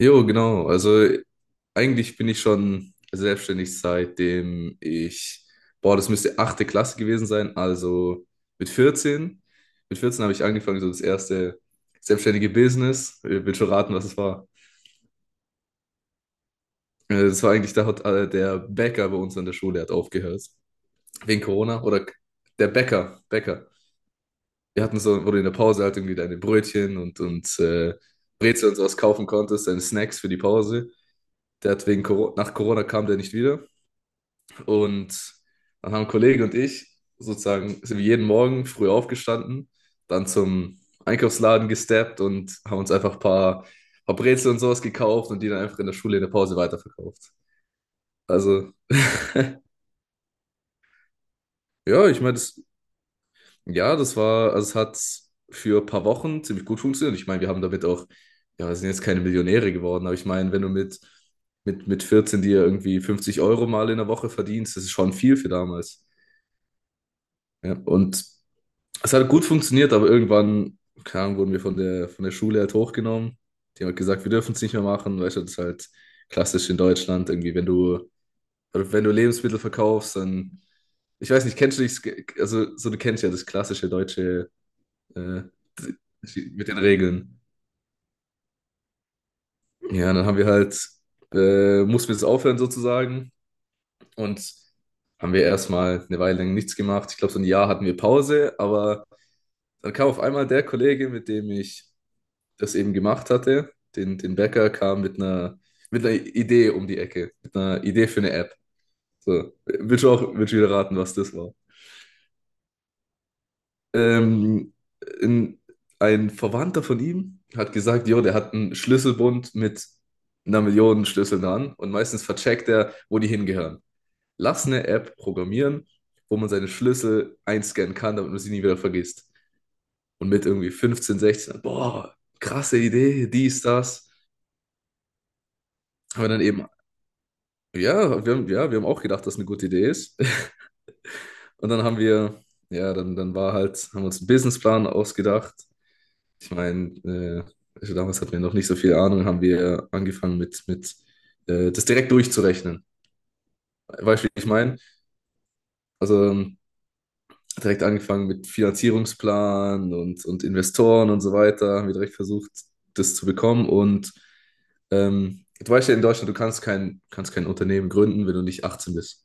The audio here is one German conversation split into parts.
Jo, genau. Also eigentlich bin ich schon selbstständig, seitdem ich, boah, das müsste achte Klasse gewesen sein. Also mit 14, mit 14 habe ich angefangen, so das erste selbstständige Business. Ich will schon raten, was es war. Das war eigentlich, da hat der Bäcker bei uns an der Schule hat aufgehört. Wegen Corona oder der Bäcker, Bäcker. Wir hatten so, wo du in der Pause halt irgendwie deine Brötchen und Brezel und sowas kaufen konntest, deine Snacks für die Pause. Der hat wegen Corona, nach Corona kam der nicht wieder. Und dann haben Kollege und ich sozusagen, sind wir jeden Morgen früh aufgestanden, dann zum Einkaufsladen gesteppt und haben uns einfach ein paar Brezel und sowas gekauft und die dann einfach in der Schule in der Pause weiterverkauft. Also, ja, ich meine, das, ja, das war, also es hat für ein paar Wochen ziemlich gut funktioniert. Ich meine, wir haben damit auch, ja, wir sind jetzt keine Millionäre geworden, aber ich meine, wenn du mit 14 dir irgendwie 50 € mal in der Woche verdienst, das ist schon viel für damals. Ja, und es hat gut funktioniert, aber irgendwann, keine Ahnung, wurden wir von der Schule halt hochgenommen. Die haben halt gesagt, wir dürfen es nicht mehr machen, weißt du, das ist halt klassisch in Deutschland irgendwie, wenn du, Lebensmittel verkaufst, dann, ich weiß nicht, kennst du dich, also so du kennst ja das klassische deutsche äh, mit den Regeln. Ja, dann haben wir halt, mussten wir das aufhören sozusagen, und haben wir erstmal eine Weile lang nichts gemacht. Ich glaube, so ein Jahr hatten wir Pause, aber dann kam auf einmal der Kollege, mit dem ich das eben gemacht hatte, den Bäcker, kam mit einer Idee um die Ecke, mit einer Idee für eine App. So, willst du auch, willst du wieder raten, was das war? Ähm, ein, ein Verwandter von ihm hat gesagt, jo, der hat einen Schlüsselbund mit einer Million Schlüsseln dran und meistens vercheckt er, wo die hingehören. Lass eine App programmieren, wo man seine Schlüssel einscannen kann, damit man sie nie wieder vergisst. Und mit irgendwie 15, 16, boah, krasse Idee, dies, das, haben wir dann eben. Ja, wir haben auch gedacht, dass eine gute Idee ist. Und dann haben wir, ja, dann war halt, haben wir uns einen Businessplan ausgedacht. Ich meine, also damals hatten wir noch nicht so viel Ahnung, haben wir angefangen mit das direkt durchzurechnen. Weißt du, wie ich meine? Also direkt angefangen mit Finanzierungsplan und Investoren und so weiter, haben wir direkt versucht, das zu bekommen. Und du weißt ja in Deutschland, du kannst kein Unternehmen gründen, wenn du nicht 18 bist.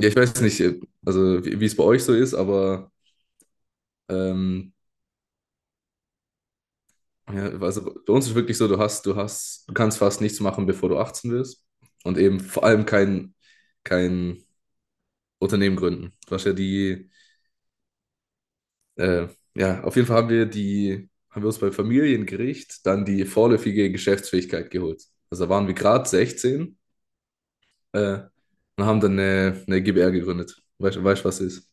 Ja, ich weiß nicht, also wie es bei euch so ist, aber ähm, ja, also bei uns ist wirklich so, du hast, du kannst fast nichts machen, bevor du 18 wirst. Und eben vor allem kein Unternehmen gründen. Du hast ja die, äh, ja, auf jeden Fall haben wir uns beim Familiengericht dann die vorläufige Geschäftsfähigkeit geholt. Also da waren wir gerade sechzehn, äh, und haben dann eine GbR gegründet. Weißt du, weißt, was es ist?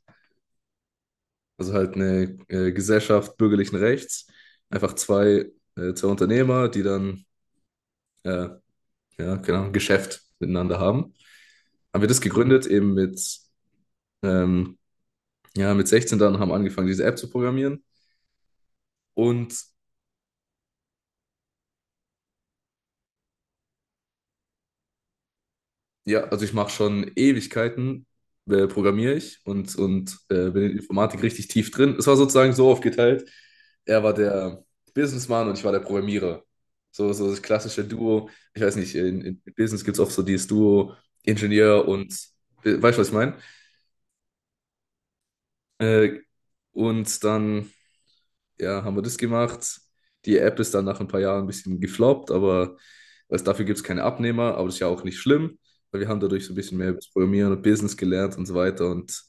Also halt eine Gesellschaft bürgerlichen Rechts. Einfach zwei Unternehmer, die dann, äh, ja, keine Ahnung, Geschäft miteinander haben. Haben wir das gegründet, eben mit, ähm, ja, mit 16 dann haben wir angefangen, diese App zu programmieren. Und ja, also ich mache schon Ewigkeiten, programmiere ich und bin in Informatik richtig tief drin. Es war sozusagen so aufgeteilt. Er war der Businessman und ich war der Programmierer. So, so das klassische Duo. Ich weiß nicht, in Business gibt es oft so dieses Duo Ingenieur und, weißt du, was ich meine? Äh, und dann ja, haben wir das gemacht. Die App ist dann nach ein paar Jahren ein bisschen gefloppt, aber also dafür gibt es keine Abnehmer, aber das ist ja auch nicht schlimm, weil wir haben dadurch so ein bisschen mehr über das Programmieren und Business gelernt und so weiter. Und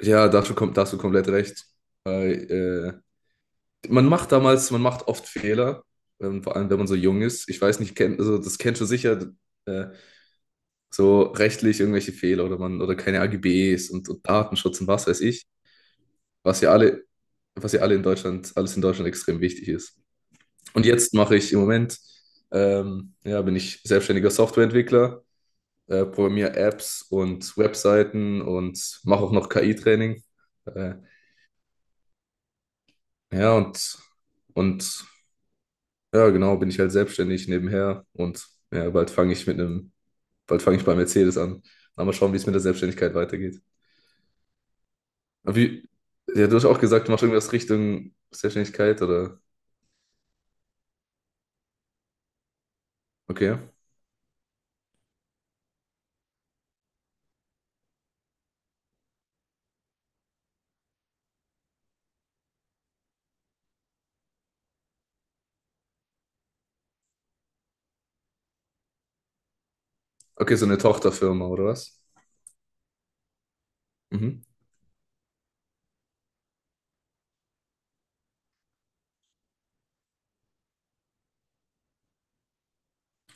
ja, dazu kommt, da hast du komplett recht. Weil, man macht damals, man macht oft Fehler, vor allem, wenn man so jung ist. Ich weiß nicht, kennt, also das kennst du sicher, äh, so rechtlich irgendwelche Fehler oder man oder keine AGBs und Datenschutz und was weiß ich, was ja alle, was ja alle in Deutschland, alles in Deutschland extrem wichtig ist. Und jetzt mache ich im Moment, ja, bin ich selbstständiger Softwareentwickler, programmiere Apps und Webseiten und mache auch noch KI-Training. Äh, ja, und ja, genau, bin ich halt selbstständig nebenher und ja, bald fange ich bei Mercedes an. Dann mal schauen, wie es mit der Selbstständigkeit weitergeht. Aber wie, ja, du hast auch gesagt, du machst irgendwas Richtung Selbstständigkeit oder, okay. Okay, so eine Tochterfirma oder was? Mhm.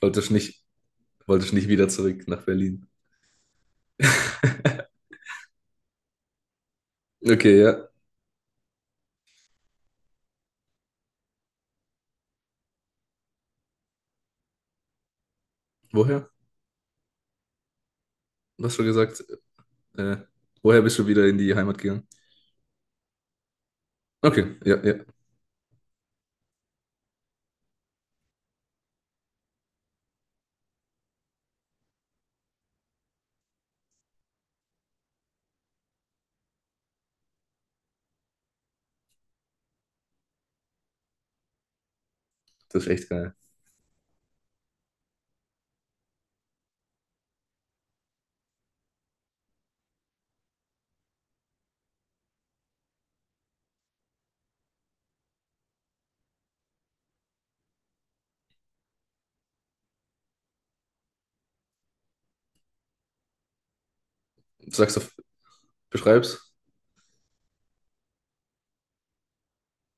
Wolltest nicht, wolltest nicht, wieder zurück nach Berlin. Okay, ja. Woher? Du hast schon gesagt, äh, woher bist du wieder in die Heimat gegangen? Okay, ja, ja. Das ist echt geil. Du sagst, beschreib's.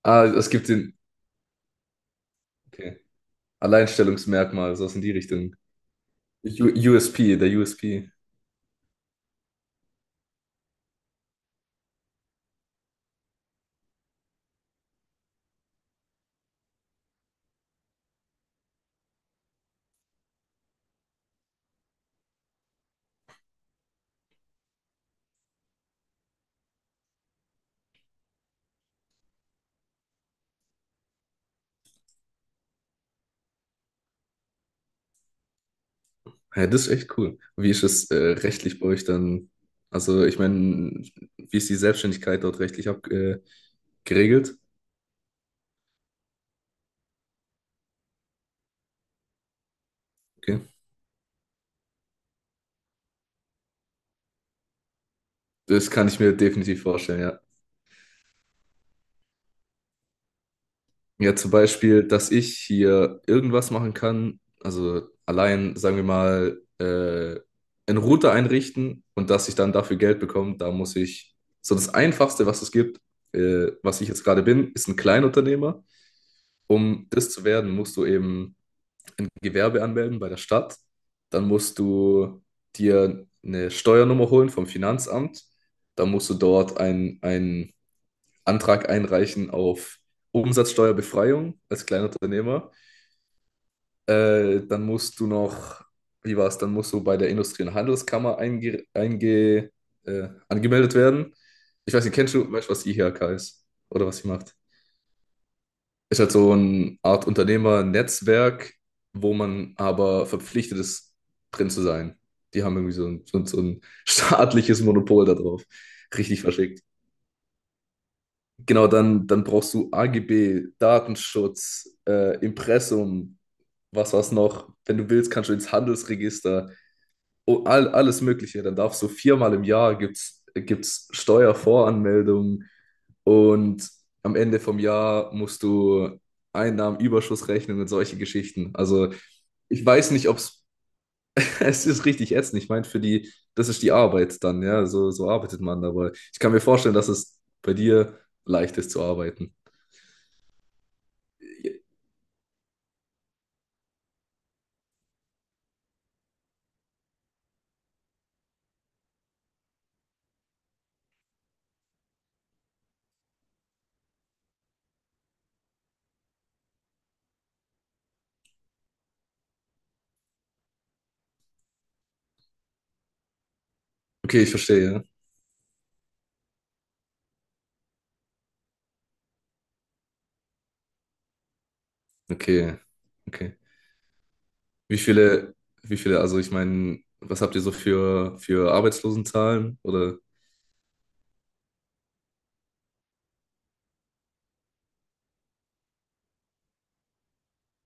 Ah, es gibt den, okay. Alleinstellungsmerkmal, sowas in die Richtung. U USP, der U S P. Ja, das ist echt cool. Wie ist es, rechtlich bei euch dann? Also, ich meine, wie ist die Selbstständigkeit dort rechtlich geregelt? Okay. Das kann ich mir definitiv vorstellen, ja. Ja, zum Beispiel, dass ich hier irgendwas machen kann, also allein, sagen wir mal, einen Router einrichten und dass ich dann dafür Geld bekomme, da muss ich, so das Einfachste, was es gibt, was ich jetzt gerade bin, ist ein Kleinunternehmer. Um das zu werden, musst du eben Gewerbe anmelden bei der Stadt. Dann musst du dir eine Steuernummer holen vom Finanzamt. Dann musst du dort einen Antrag einreichen auf Umsatzsteuerbefreiung als Kleinunternehmer. Dann musst du noch, wie war es, dann musst du bei der Industrie- und Handelskammer angemeldet werden. Ich weiß nicht, weißt du, was die IHK ist oder was sie macht? Ist halt so eine Art Unternehmernetzwerk, wo man aber verpflichtet ist, drin zu sein. Die haben irgendwie so ein staatliches Monopol darauf. Richtig verschickt. Genau, dann brauchst du AGB, Datenschutz, Impressum, was war's noch? Wenn du willst, kannst du ins Handelsregister. Oh, alles Mögliche. Dann darfst du viermal im Jahr gibt's Steuervoranmeldung, und am Ende vom Jahr musst du Einnahmenüberschuss rechnen und solche Geschichten. Also ich weiß nicht, ob es es ist richtig ätzend. Ich meine, für die, das ist die Arbeit dann, ja, so arbeitet man. Aber ich kann mir vorstellen, dass es bei dir leicht ist zu arbeiten. Okay, ich verstehe, ja. Okay, okay. Wie viele, wie viele, also ich meine, was habt ihr so für Arbeitslosenzahlen? Oder